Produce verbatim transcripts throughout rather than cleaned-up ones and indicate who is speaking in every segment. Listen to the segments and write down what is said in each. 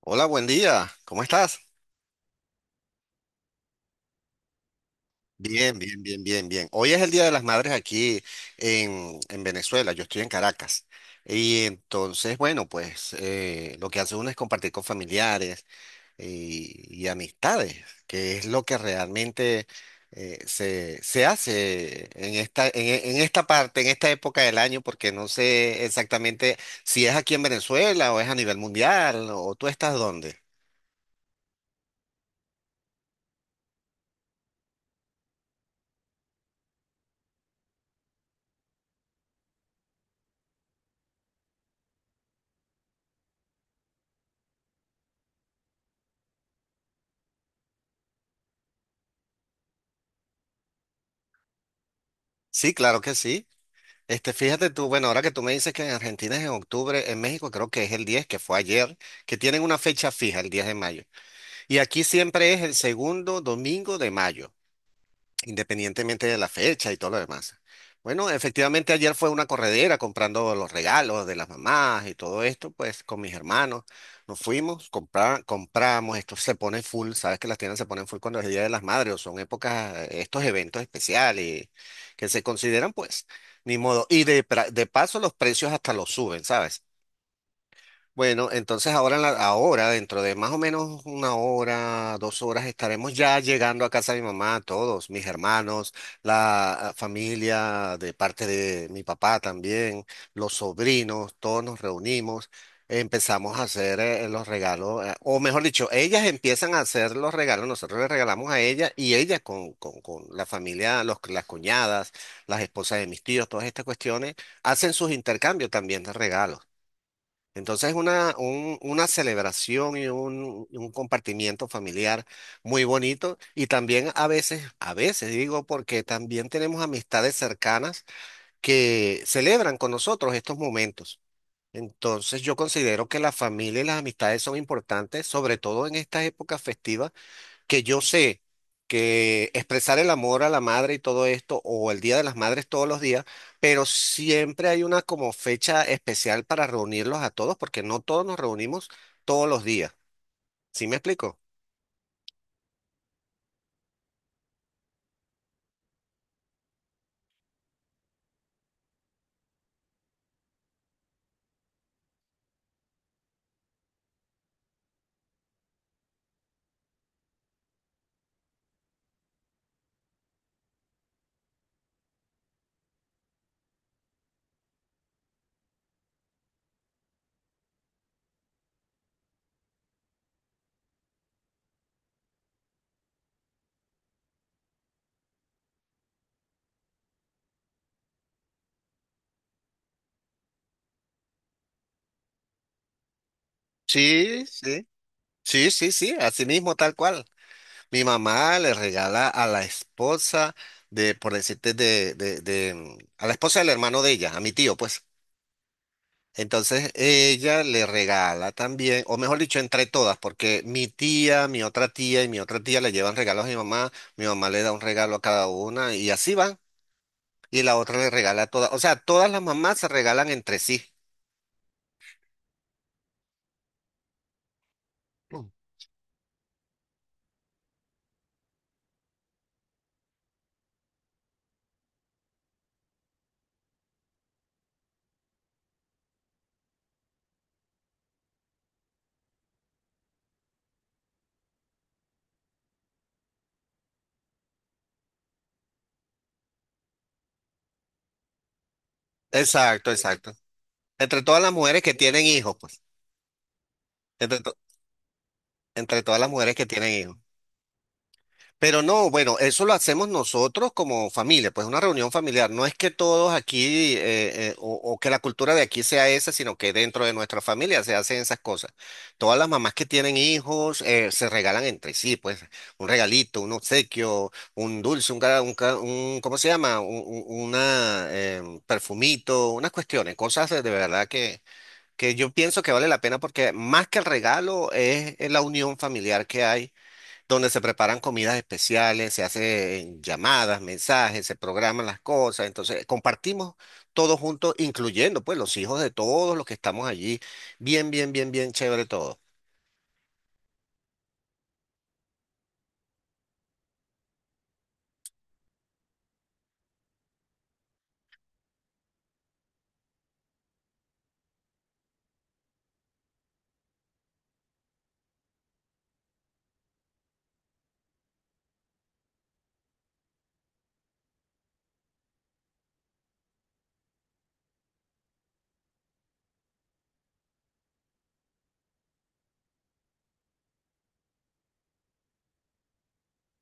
Speaker 1: Hola, buen día. ¿Cómo estás? Bien, bien, bien, bien, bien. Hoy es el Día de las Madres aquí en, en Venezuela. Yo estoy en Caracas. Y entonces, bueno, pues eh, lo que hace uno es compartir con familiares y, y amistades, que es lo que realmente eh, se, se hace en esta, en, e- en esta parte, en esta época del año, porque no sé exactamente si es aquí en Venezuela o es a nivel mundial o tú estás dónde. Sí, claro que sí. Este, fíjate tú, bueno, ahora que tú me dices que en Argentina es en octubre, en México creo que es el diez, que fue ayer, que tienen una fecha fija, el diez de mayo. Y aquí siempre es el segundo domingo de mayo independientemente de la fecha y todo lo demás. Bueno, efectivamente ayer fue una corredera comprando los regalos de las mamás y todo esto, pues con mis hermanos nos fuimos, compra- compramos, esto se pone full, sabes que las tiendas se ponen full cuando es el Día de las Madres o son épocas, eh, estos eventos especiales que se consideran pues, ni modo. Y de, pra- de paso los precios hasta los suben, ¿sabes? Bueno, entonces ahora, en la- ahora, dentro de más o menos una hora, dos horas, estaremos ya llegando a casa de mi mamá, todos, mis hermanos, la ah, familia de parte de mi papá también, los sobrinos, todos nos reunimos, empezamos a hacer eh, eh, los regalos, eh, o mejor dicho, ellas empiezan a hacer los regalos, nosotros les regalamos a ella y ella con, con, con la familia, los, las cuñadas, las esposas de mis tíos, todas estas cuestiones, hacen sus intercambios también de regalos. Entonces es una, un- una celebración y un, y un compartimiento familiar muy bonito y también a veces, a veces digo, porque también tenemos amistades cercanas que celebran con nosotros estos momentos. Entonces yo considero que la familia y las amistades son importantes, sobre todo en estas épocas festivas que yo sé que expresar el amor a la madre y todo esto, o el Día de las Madres todos los días, pero siempre hay una como fecha especial para reunirlos a todos, porque no todos nos reunimos todos los días. ¿Sí me explico? Sí, sí. Sí, sí, sí, así mismo, tal cual. Mi mamá le regala a la esposa de, por decirte, de, de, de, mm, a la esposa del hermano de ella, a mi tío, pues. Entonces ella le regala también, o mejor dicho, entre todas, porque mi tía, mi otra tía y mi otra tía le llevan regalos a mi mamá, mi mamá le da un regalo a cada una y así van, y la otra le regala a todas, o sea, todas las mamás se regalan entre sí. Mm. Exacto, exacto. Entre todas las mujeres que tienen hijos, pues, entre, to- entre todas las mujeres que tienen hijos. Pero no, bueno, eso lo hacemos nosotros como familia, pues una reunión familiar. No es que todos aquí eh, eh, o, o que la cultura de aquí sea esa, sino que dentro de nuestra familia se hacen esas cosas. Todas las mamás que tienen hijos eh, se regalan entre sí, pues un regalito, un obsequio, un dulce, un, ca- un, ca- un- ¿cómo se llama? Un, un- una em, perfumito, unas cuestiones, cosas de de verdad que, que yo pienso que vale la pena porque más que el regalo es es la unión familiar que hay donde se preparan comidas especiales, se hacen llamadas, mensajes, se programan las cosas. Entonces, compartimos todos juntos, incluyendo pues los hijos de todos los que estamos allí. Bien, bien, bien, bien chévere todo.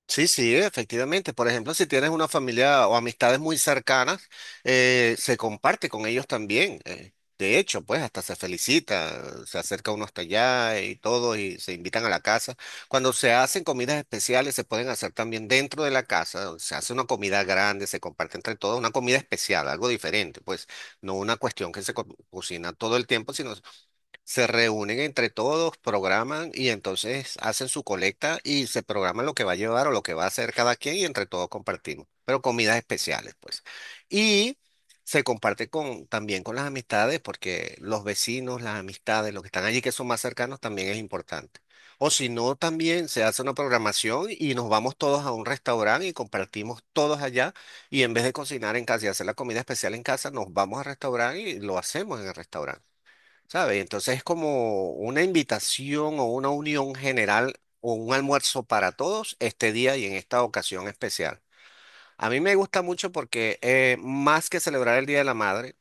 Speaker 1: Sí, sí, efectivamente. Por ejemplo, si tienes una familia o amistades muy cercanas, eh, se comparte con ellos también. eh. De hecho, pues hasta se felicita, se acerca uno hasta allá y todo, y se invitan a la casa. Cuando se hacen comidas especiales, se pueden hacer también dentro de la casa. O se hace una comida grande, se comparte entre todos, una comida especial, algo diferente, pues no una cuestión que se co- cocina todo el tiempo, sino se reúnen entre todos, programan y entonces hacen su colecta y se programan lo que va a llevar o lo que va a hacer cada quien y entre todos compartimos, pero comidas especiales, pues. Y se comparte con, también con las amistades porque los vecinos, las amistades, los que están allí que son más cercanos también es importante. O si no, también se hace una programación y nos vamos todos a un restaurante y compartimos todos allá y en vez de cocinar en casa y hacer la comida especial en casa, nos vamos al restaurante y lo hacemos en el restaurante. ¿Sabes? Entonces es como una invitación o una unión general o un almuerzo para todos este día y en esta ocasión especial. A mí me gusta mucho porque eh, más que celebrar el Día de la Madre,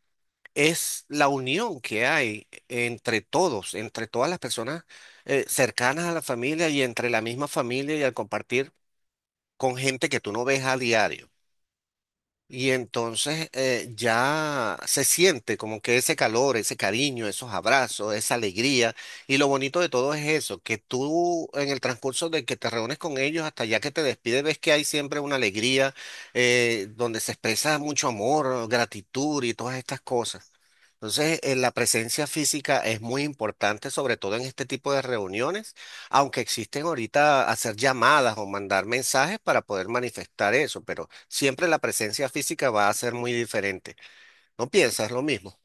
Speaker 1: es la unión que hay entre todos, entre todas las personas eh, cercanas a la familia y entre la misma familia y al compartir con gente que tú no ves a diario. Y entonces eh, ya se siente como que ese calor, ese cariño, esos abrazos, esa alegría. Y lo bonito de todo es eso, que tú en el transcurso de que te reúnes con ellos hasta ya que te despides, ves que hay siempre una alegría eh, donde se expresa mucho amor, gratitud y todas estas cosas. Entonces, eh, la presencia física es muy importante, sobre todo en este tipo de reuniones, aunque existen ahorita hacer llamadas o mandar mensajes para poder manifestar eso, pero siempre la presencia física va a ser muy diferente. ¿No piensas lo mismo?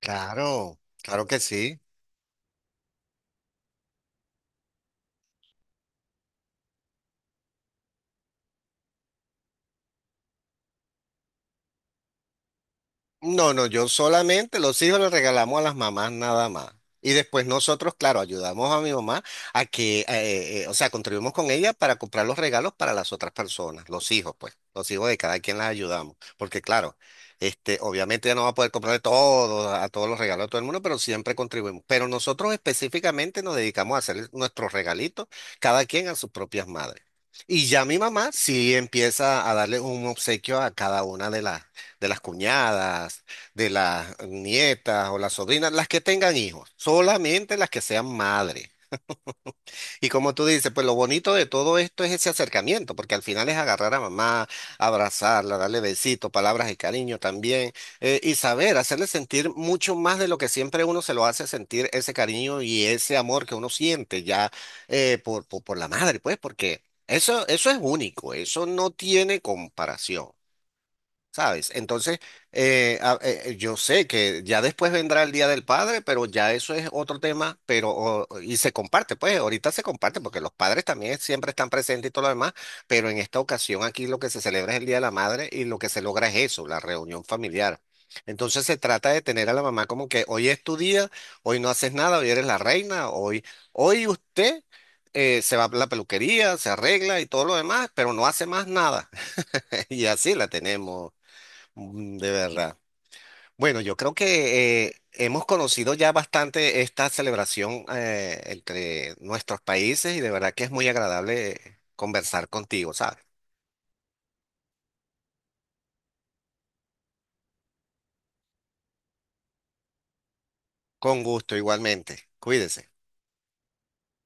Speaker 1: Claro, claro que sí. No, no, yo solamente los hijos les regalamos a las mamás nada más. Y después nosotros, claro, ayudamos a mi mamá a que, eh, eh, eh, o sea, contribuimos con ella para comprar los regalos para las otras personas, los hijos, pues, los hijos de cada quien las ayudamos. Porque claro, este, obviamente ya no va a poder comprarle todo, a todos los regalos a todo el mundo, pero siempre contribuimos. Pero nosotros específicamente nos dedicamos a hacer nuestros regalitos, cada quien a sus propias madres. Y ya mi mamá sí empieza a darle un obsequio a cada una de las de las cuñadas, de las nietas o las sobrinas, las que tengan hijos, solamente las que sean madres. Y como tú dices, pues lo bonito de todo esto es ese acercamiento, porque al final es agarrar a mamá, abrazarla, darle besitos, palabras de cariño también, eh, y saber, hacerle sentir mucho más de lo que siempre uno se lo hace sentir, ese cariño y ese amor que uno siente ya eh, por, por, por la madre, pues, porque eso, eso es único, eso no tiene comparación. ¿Sabes? Entonces, eh, a- eh, eh, yo sé que ya después vendrá el Día del Padre, pero ya eso es otro tema, pero o- y se comparte, pues ahorita se comparte porque los padres también siempre están presentes y todo lo demás, pero en esta ocasión aquí lo que se celebra es el Día de la Madre y lo que se logra es eso, la reunión familiar. Entonces se trata de tener a la mamá como que hoy es tu día, hoy no haces nada, hoy eres la reina, hoy, hoy usted eh, se va a la peluquería, se arregla y todo lo demás, pero no hace más nada. Y así la tenemos. Mm, de verdad. Bueno, yo creo que eh, hemos conocido ya bastante esta celebración eh, entre nuestros países y de verdad que es muy agradable conversar contigo, ¿sabes? Con gusto, igualmente. Cuídese.